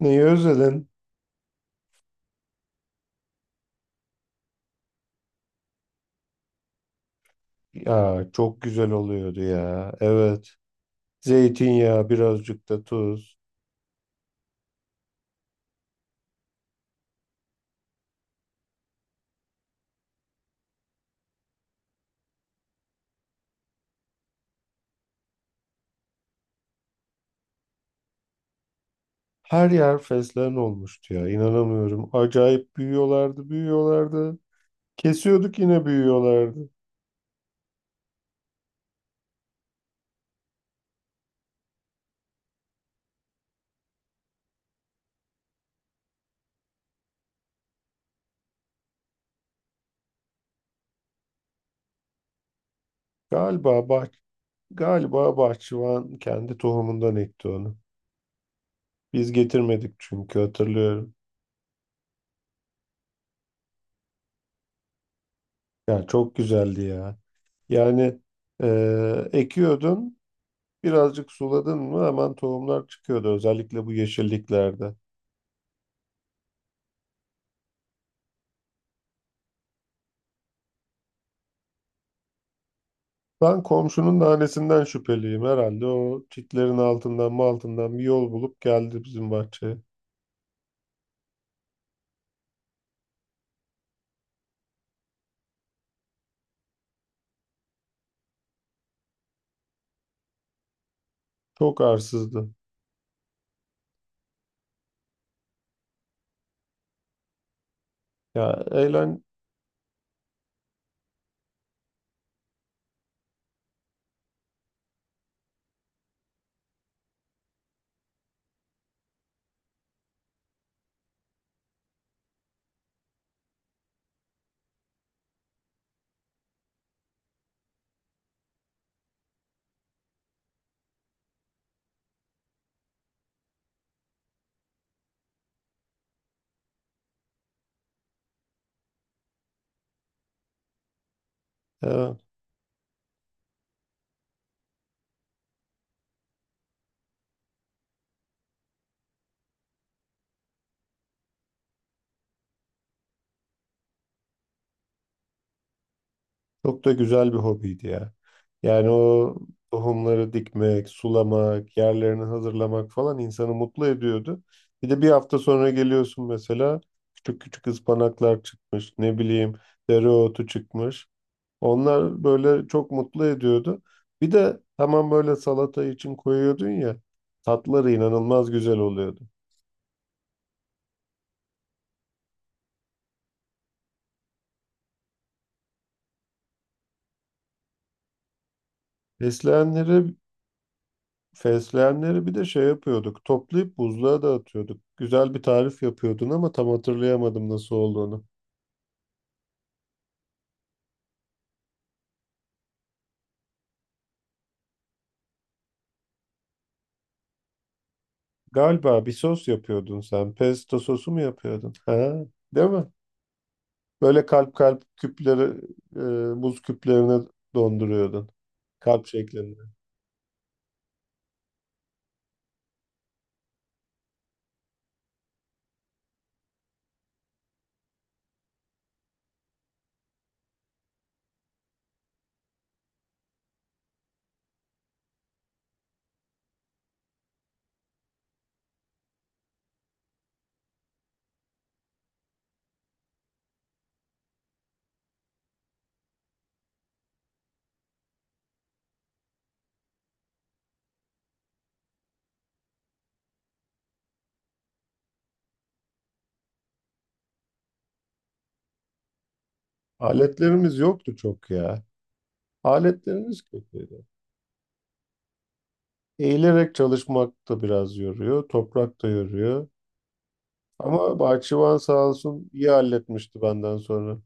Neyi özledin? Ya çok güzel oluyordu ya. Evet. Zeytinyağı, birazcık da tuz. Her yer fesleğen olmuştu ya. İnanamıyorum. Acayip büyüyorlardı, büyüyorlardı. Kesiyorduk yine büyüyorlardı. Galiba bah Galiba bahçıvan kendi tohumundan ekti onu. Biz getirmedik çünkü hatırlıyorum. Ya çok güzeldi ya. Yani ekiyordun, birazcık suladın mı hemen tohumlar çıkıyordu. Özellikle bu yeşilliklerde. Ben komşunun da şüpheliyim herhalde. O çitlerin altından mı altından bir yol bulup geldi bizim bahçeye. Çok arsızdı. Ya eğlen ya, çok da güzel bir hobiydi ya. Yani o tohumları dikmek, sulamak, yerlerini hazırlamak falan insanı mutlu ediyordu. Bir de bir hafta sonra geliyorsun mesela küçük küçük ıspanaklar çıkmış, ne bileyim dereotu çıkmış. Onlar böyle çok mutlu ediyordu. Bir de hemen böyle salata için koyuyordun ya, tatları inanılmaz güzel oluyordu. Fesleğenleri, fesleğenleri bir de şey yapıyorduk, toplayıp buzluğa dağıtıyorduk. Güzel bir tarif yapıyordun ama tam hatırlayamadım nasıl olduğunu. Galiba bir sos yapıyordun sen. Pesto sosu mu yapıyordun? Ha, değil mi? Böyle kalp kalp küpleri, buz küplerine donduruyordun. Kalp şeklinde. Aletlerimiz yoktu çok ya. Aletlerimiz kötüydü. Eğilerek çalışmak da biraz yoruyor, toprak da yoruyor. Ama bahçıvan sağ olsun iyi halletmişti benden sonra.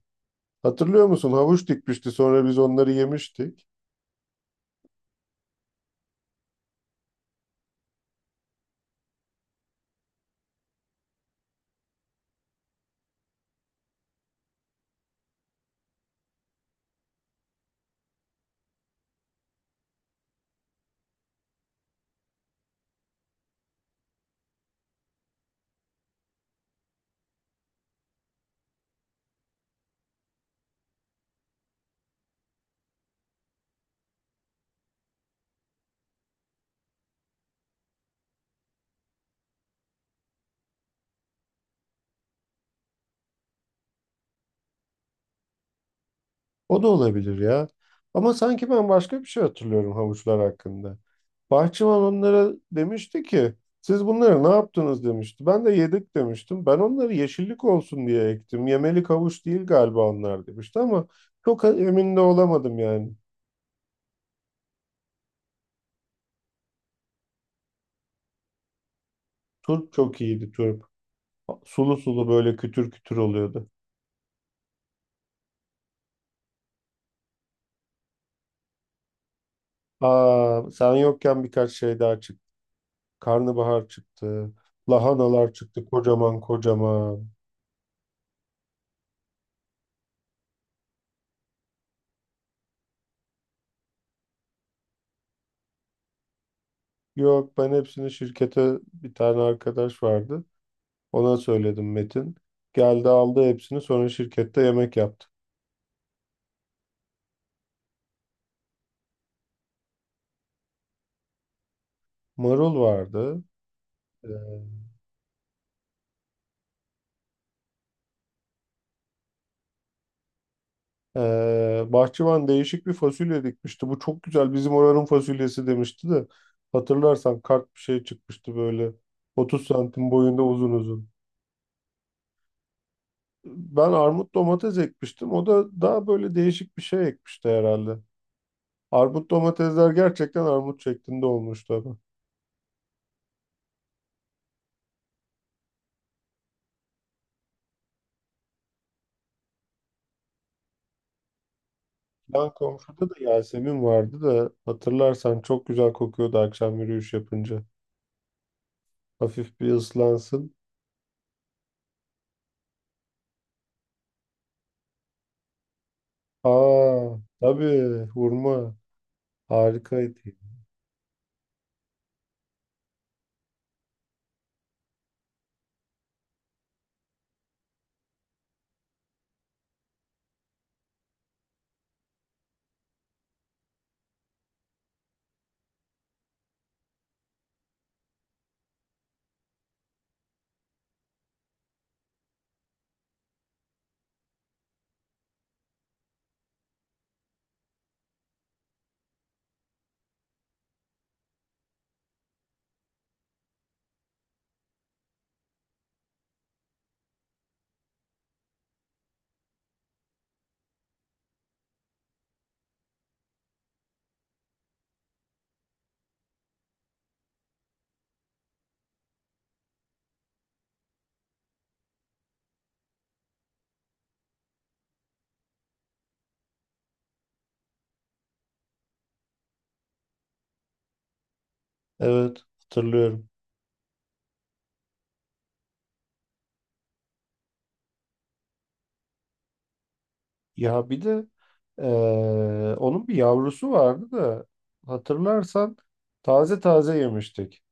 Hatırlıyor musun? Havuç dikmişti, sonra biz onları yemiştik. O da olabilir ya. Ama sanki ben başka bir şey hatırlıyorum havuçlar hakkında. Bahçıvan onlara demişti ki siz bunları ne yaptınız demişti. Ben de yedik demiştim. Ben onları yeşillik olsun diye ektim. Yemelik havuç değil galiba onlar demişti ama çok emin de olamadım yani. Turp çok iyiydi turp. Sulu sulu böyle kütür kütür oluyordu. Aa, sen yokken birkaç şey daha çıktı. Karnabahar çıktı. Lahanalar çıktı kocaman kocaman. Yok ben hepsini şirkete bir tane arkadaş vardı. Ona söyledim Metin. Geldi aldı hepsini sonra şirkette yemek yaptı. Marul vardı. Ee, bahçıvan değişik bir fasulye dikmişti. Bu çok güzel bizim oranın fasulyesi demişti de. Hatırlarsan kart bir şey çıkmıştı böyle. 30 santim boyunda uzun uzun. Ben armut domates ekmiştim. O da daha böyle değişik bir şey ekmişti herhalde. Armut domatesler gerçekten armut şeklinde olmuştu. Yan komşuda da Yasemin vardı da hatırlarsan çok güzel kokuyordu akşam yürüyüş yapınca. Hafif bir ıslansın. Aa, tabii, hurma harikaydı. Evet, hatırlıyorum. Ya bir de onun bir yavrusu vardı da hatırlarsan taze taze yemiştik.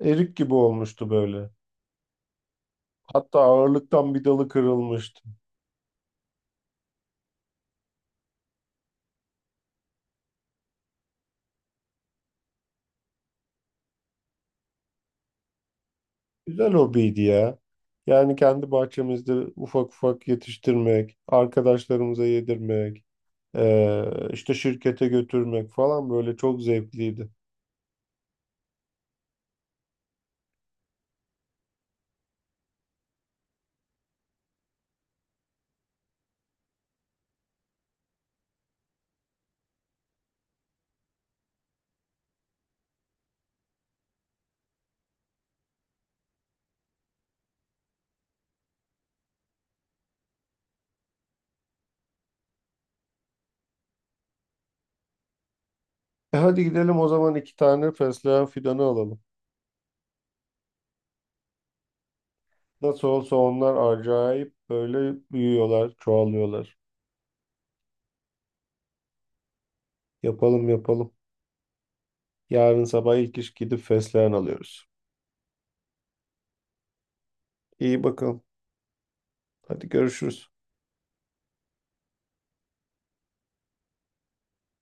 Erik gibi olmuştu böyle. Hatta ağırlıktan bir dalı kırılmıştı. Güzel hobiydi ya. Yani kendi bahçemizde ufak ufak yetiştirmek, arkadaşlarımıza yedirmek, işte şirkete götürmek falan böyle çok zevkliydi. E hadi gidelim o zaman iki tane fesleğen fidanı alalım. Nasıl olsa onlar acayip böyle büyüyorlar, çoğalıyorlar. Yapalım yapalım. Yarın sabah ilk iş gidip fesleğen alıyoruz. İyi bakalım. Hadi görüşürüz.